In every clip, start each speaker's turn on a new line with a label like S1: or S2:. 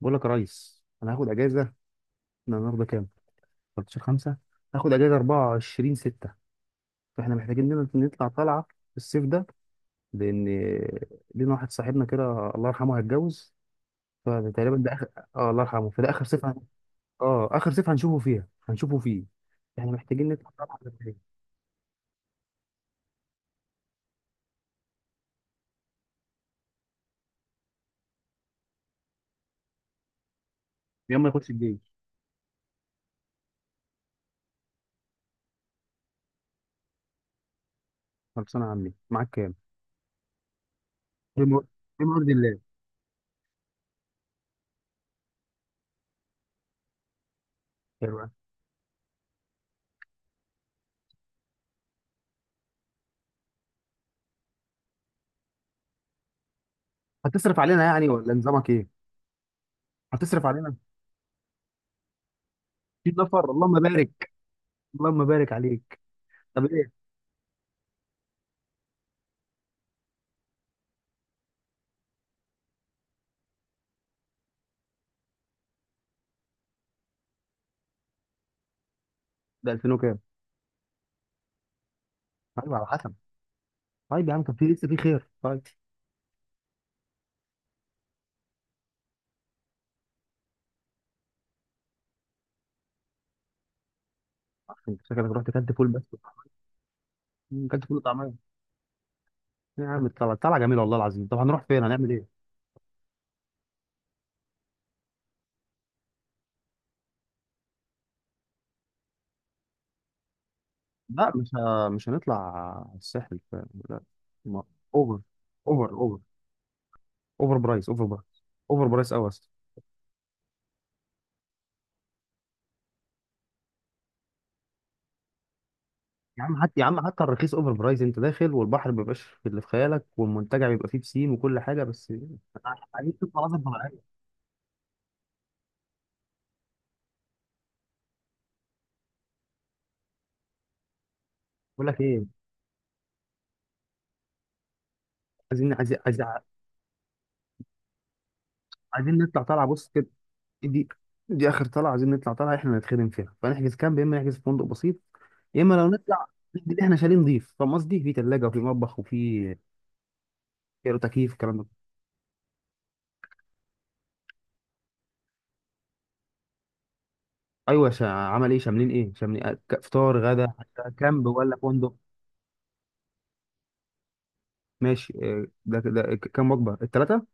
S1: بقول لك يا ريس انا هاخد اجازه. احنا النهارده كام؟ 13 5. هاخد اجازه 24 6، فاحنا محتاجين لنا نطلع طلعه في الصيف ده، لان لينا واحد صاحبنا كده الله يرحمه هيتجوز، فتقريبا ده اخر. اه الله يرحمه، فده اخر صيف اه اخر صيف هنشوفه فيه. احنا محتاجين نطلع طلعه بدري يوم ما يخش الجيش. خلصانه يا عمي، معاك كام؟ بم- بمرضي الله. حلو. هتصرف علينا يعني ولا نظامك ايه؟ هتصرف علينا 60 نفر اللهم بارك، اللهم بارك عليك. طب ايه؟ ده 2000 وكام؟ طيب، على حسب. طيب يا عم، كان في لسه في خير طيب. انت شكلك رحت كلت فول بس. مم، كلت فول وطعميه. يا عم طلع طلع جميل والله العظيم. طب هنروح فين؟ هنعمل ايه؟ لا مش هنطلع الساحل لا. ما... اوفر. اوفر اوفر اوفر برايس، اوفر برايس قوي اصلا. يا عم حتى يا عم حتى الرخيص اوفر برايس، انت داخل والبحر ما بيبقاش في اللي في خيالك، والمنتجع بيبقى فيه بسين وكل حاجه بس. عايزين نشوف مناظر طبيعيه. بقول لك ايه، عايزين. عايزين نطلع طالعه بص كده. دي دي اخر طلعه، عايزين نطلع طلعه احنا نتخدم فيها، فنحجز كامب يا اما نحجز في فندق بسيط، يا اما لو نطلع نحجز اللي احنا شايلين نضيف، فاهم قصدي؟ في ثلاجه وفي مطبخ وفي كيلو تكييف الكلام ده. ايوه، عمل ايه؟ شاملين ايه؟ شاملين فطار غدا؟ حتى كامب ولا فندق؟ ماشي. آه، كام وجبه الثلاثه؟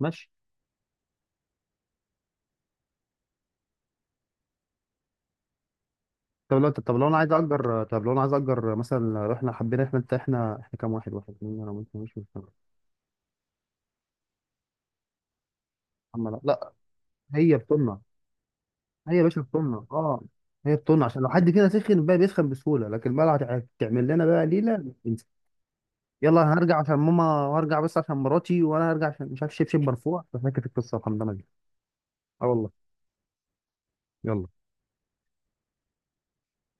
S1: ماشي. طب لو انا عايز اجر مثلا، لو احنا حبينا احنا انت احنا احنا كام واحد؟ واحد، اثنين، انا ممكن مش. محمد، لا لا، هي بتمنع. هي يا باشا الطنة، اه، هي الطنة عشان لو حد فينا سخن بقى بيسخن بسهولة، لكن بقى لو هتعمل لنا بقى ليلة مش هتنسى. يلا انا هرجع عشان ماما، وهرجع بس عشان مراتي، وانا هرجع عشان مش عارف شبشب مرفوع، ففاكر القصة الحمدانة دي. اه والله. يلا.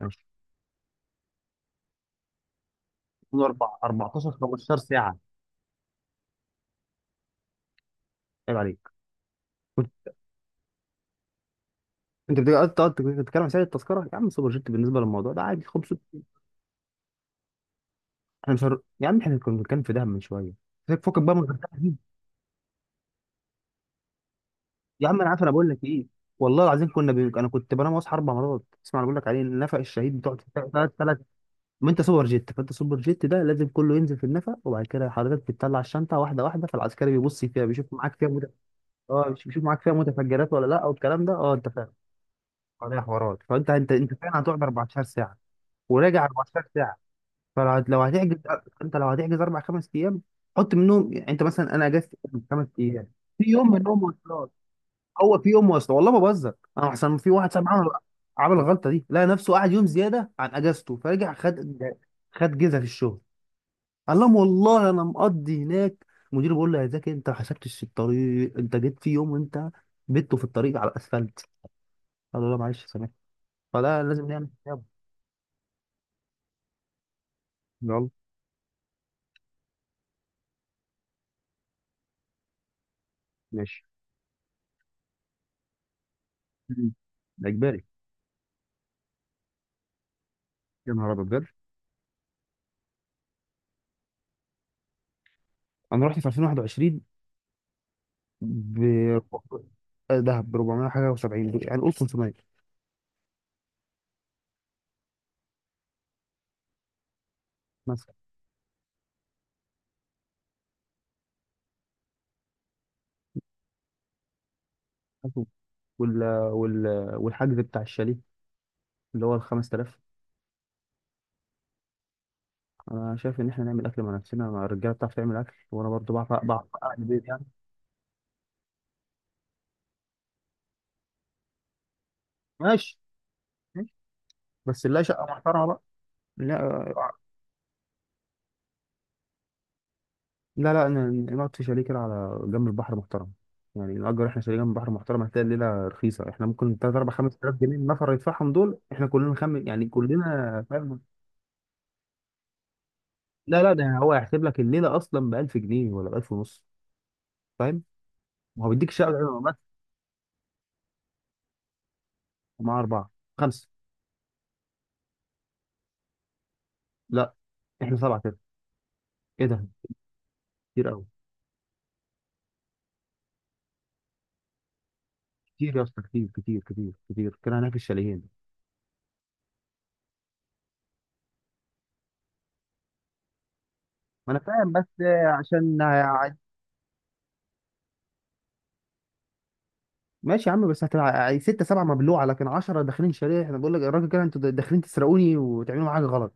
S1: ماشي. كل أربع، 14، 15 ساعة. عيب عليك. كنت- انت بتقعد تقعد تتكلم عن سعر التذكرة؟ يا عم سوبر جيت بالنسبة للموضوع ده عادي 500. احنا مش هر... يا عم احنا كنا بنتكلم في دهب من شوية، فكك بقى من الغردقة دي. يا عم انا عارف، انا بقول لك ايه. والله العظيم انا كنت بنام واصحى اربع مرات اسمع. انا بقول لك عليه النفق الشهيد بتقعد ثلاث. ما انت سوبر جيت، فانت سوبر جيت ده لازم كله ينزل في النفق، وبعد كده حضرتك بتطلع الشنطه واحده واحده، فالعسكري بيبص فيها بيشوف معاك فيها اه مش بيشوف معاك فيها متفجرات ولا لا والكلام ده، اه انت فاهم. عليها حوارات. فانت انت انت فعلا هتقعد 14 ساعه وراجع 14 ساعه. فلو هتحجز، انت لو هتحجز اربع خمس ايام، حط منهم يعني، انت مثلا انا اجازتي خمس ايام في يوم منهم. هو في يوم واسطه، والله ما بهزر، انا احسن في واحد صاحبي عمل، عمل الغلطه دي لقى نفسه قعد يوم زياده عن اجازته، فرجع خد، خد جزء في الشغل. قال لهم والله انا مقضي هناك. المدير بيقول له يا زكي، انت ما حسبتش الطريق؟ انت جيت في يوم وانت بيته في الطريق على الاسفلت. قال له لا، معلش سامحني. فلا، لازم نعمل حساب. يلا. ماشي. مم. ده اجباري. يا نهار ابيض بجد. انا رحت في 2021 ب. دهب ب 400 حاجه و70، يعني قول 500 مثلا. وال... وال... والحجز بتاع الشاليه اللي هو ال 5000. انا شايف ان احنا نعمل اكل مع نفسنا، ما الرجاله بتعرف تعمل اكل، وانا برضو بعرف، بعرف اعمل بيت يعني. ماشي، ماشي، بس نلاقي شقه محترمه بقى. لا لا لا، نقعد في شاليه كده على جنب البحر محترم، يعني نأجر احنا شاليه جنب البحر محترم، هتلاقي الليله رخيصه. احنا ممكن 3 4 5000 جنيه النفر يدفعهم دول، احنا كلنا خم يعني كلنا فاهم. لا لا، ده هو هيحسب لك الليله اصلا ب 1000 جنيه ولا ب 1000 ونص، فاهم؟ وهو بيديك شقه بس. مع اربعه، خمسه. لا، احنا سبعه. ايه ده؟ كتير قوي، كتير يا اسطى، كتير كده هناك الشاليهين. ما انا فاهم، بس عشان ماشي يا عم، بس هتبقى ستة سبعة مبلوعة، لكن 10 داخلين شاليه احنا بقول لك يا راجل كده انتوا داخلين تسرقوني وتعملوا معايا حاجة غلط.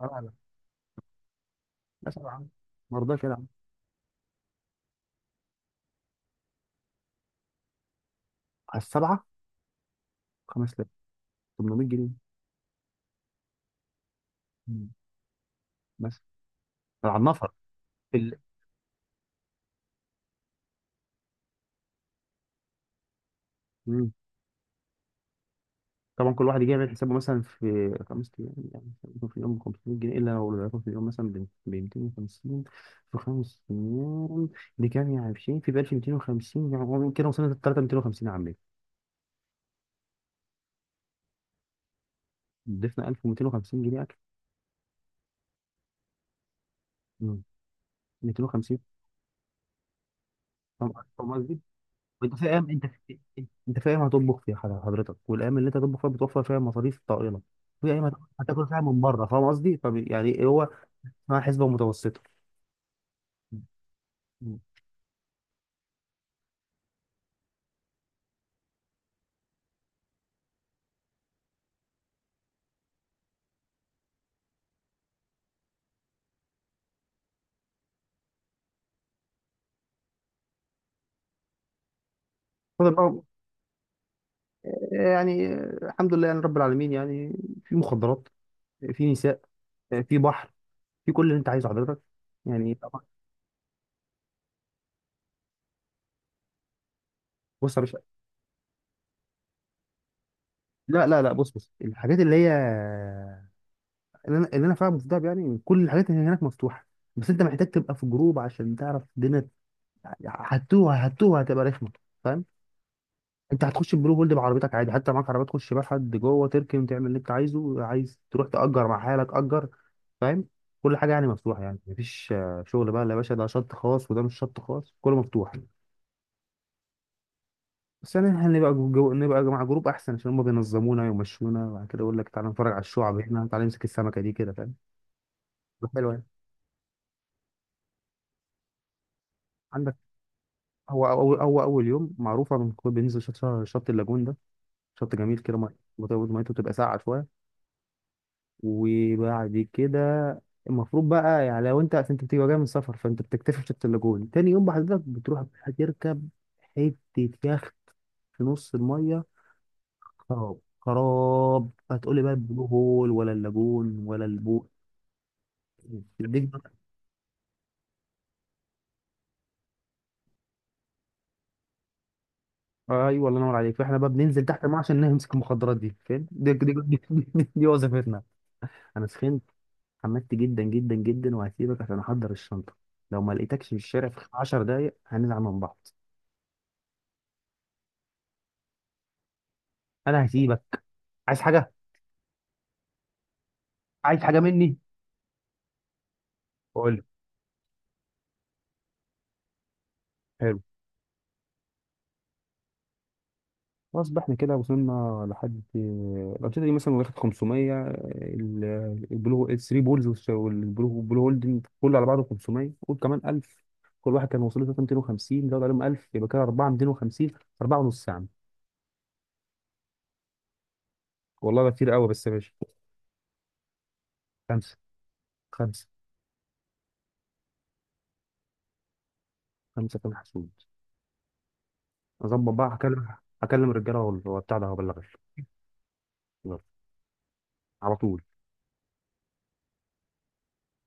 S1: لا لا لا. لا سبعة يا عم. ما رضاش يلعب. على السبعة 5000. 800 جنيه. مم. بس على النفر. في ال... مم. طبعا كل واحد يجي يعمل حسابه، مثلا في خمس ايام يعني يكون في اليوم 500 جنيه، الا لو يكون في اليوم مثلا ب 250 في خمس ايام دي كام؟ يعني في شيء في ب 1250. يعني هو كده وصلنا ل 3250 يا عمي. ضفنا 1250 جنيه اكل. مم. 250. فاهم. فاهم قصدي؟ وانت فاهم، انت انت فاهم هتطبخ فيها، حضرتك والايام اللي انت هتطبخ فيها بتوفر فيها مصاريف طائله. في ايام هتاكل فيها من بره، فاهم قصدي؟ يعني إيه، هو اسمها حسبه متوسطه. مم. اتفضل بقى. يعني الحمد لله يعني رب العالمين يعني. في مخدرات، في نساء، في بحر، في كل اللي انت عايزه حضرتك، يعني طبعا. بص يا باشا. لا لا لا، بص الحاجات اللي هي، اللي انا فاهمه في دهب يعني كل الحاجات اللي هناك مفتوحه. بس انت محتاج تبقى في جروب عشان تعرف الدنيا، هتوه هتبقى رخمه، فاهم؟ انت هتخش البلو هولد بعربيتك عادي، حتى معاك عربيه تخش بيها حد جوه، تركن تعمل اللي انت عايزه، عايز تروح تأجر مع حالك أجر، فاهم؟ كل حاجه يعني مفتوحه، يعني مفيش شغل بقى لا يا باشا ده شط خاص وده مش شط خاص، كله مفتوح. بس يعني احنا نبقى نبقى مع جروب احسن، عشان هم بينظمونا ويمشونا، وبعد كده يقول لك تعالى نتفرج على الشعب هنا، تعالى نمسك السمكه دي كده، فاهم؟ تبقى حلوه يعني. عندك، هو اول يوم معروفه بنكون بننزل شط اللاجون ده، شط جميل كده، ميته بتبقى ساقعه شويه. وبعد كده المفروض بقى، يعني لو انت اصل انت بتبقى جاي من سفر، فانت بتكتشف شط اللاجون تاني يوم، بحضرتك بتروح تركب حتة يخت في نص المية، خراب خراب. هتقولي بقى البلو هول ولا اللاجون ولا البو دي بقى- ايوه الله ينور عليك. فاحنا بقى بننزل تحت الميه عشان نمسك المخدرات دي، فاهم؟ دي وظيفتنا. انا سخنت، حمدت جدا جدا جدا، وهسيبك عشان احضر الشنطه. لو ما لقيتكش في الشارع في 10 دقايق هنزعل من بعض. انا هسيبك. عايز حاجه؟ عايز حاجه مني؟ قول لي. حلو. خلاص بقى احنا كده وصلنا لحد الأنشطة دي، مثلا واخد 500 ال، البلو الثري بولز والبلو هولدنج كله على بعضه 500، قول كمان 1000. كل واحد كان وصل له 250، زود عليهم 1000، يبقى كده 4 250، 4 ونص يا عم. والله ده كتير قوي، بس ماشي. خمسة. خمسة. خمسة كان حسود. أظبط بقى، هكلم الرجالة وبتاع ده وأبلغك. يلا. على طول.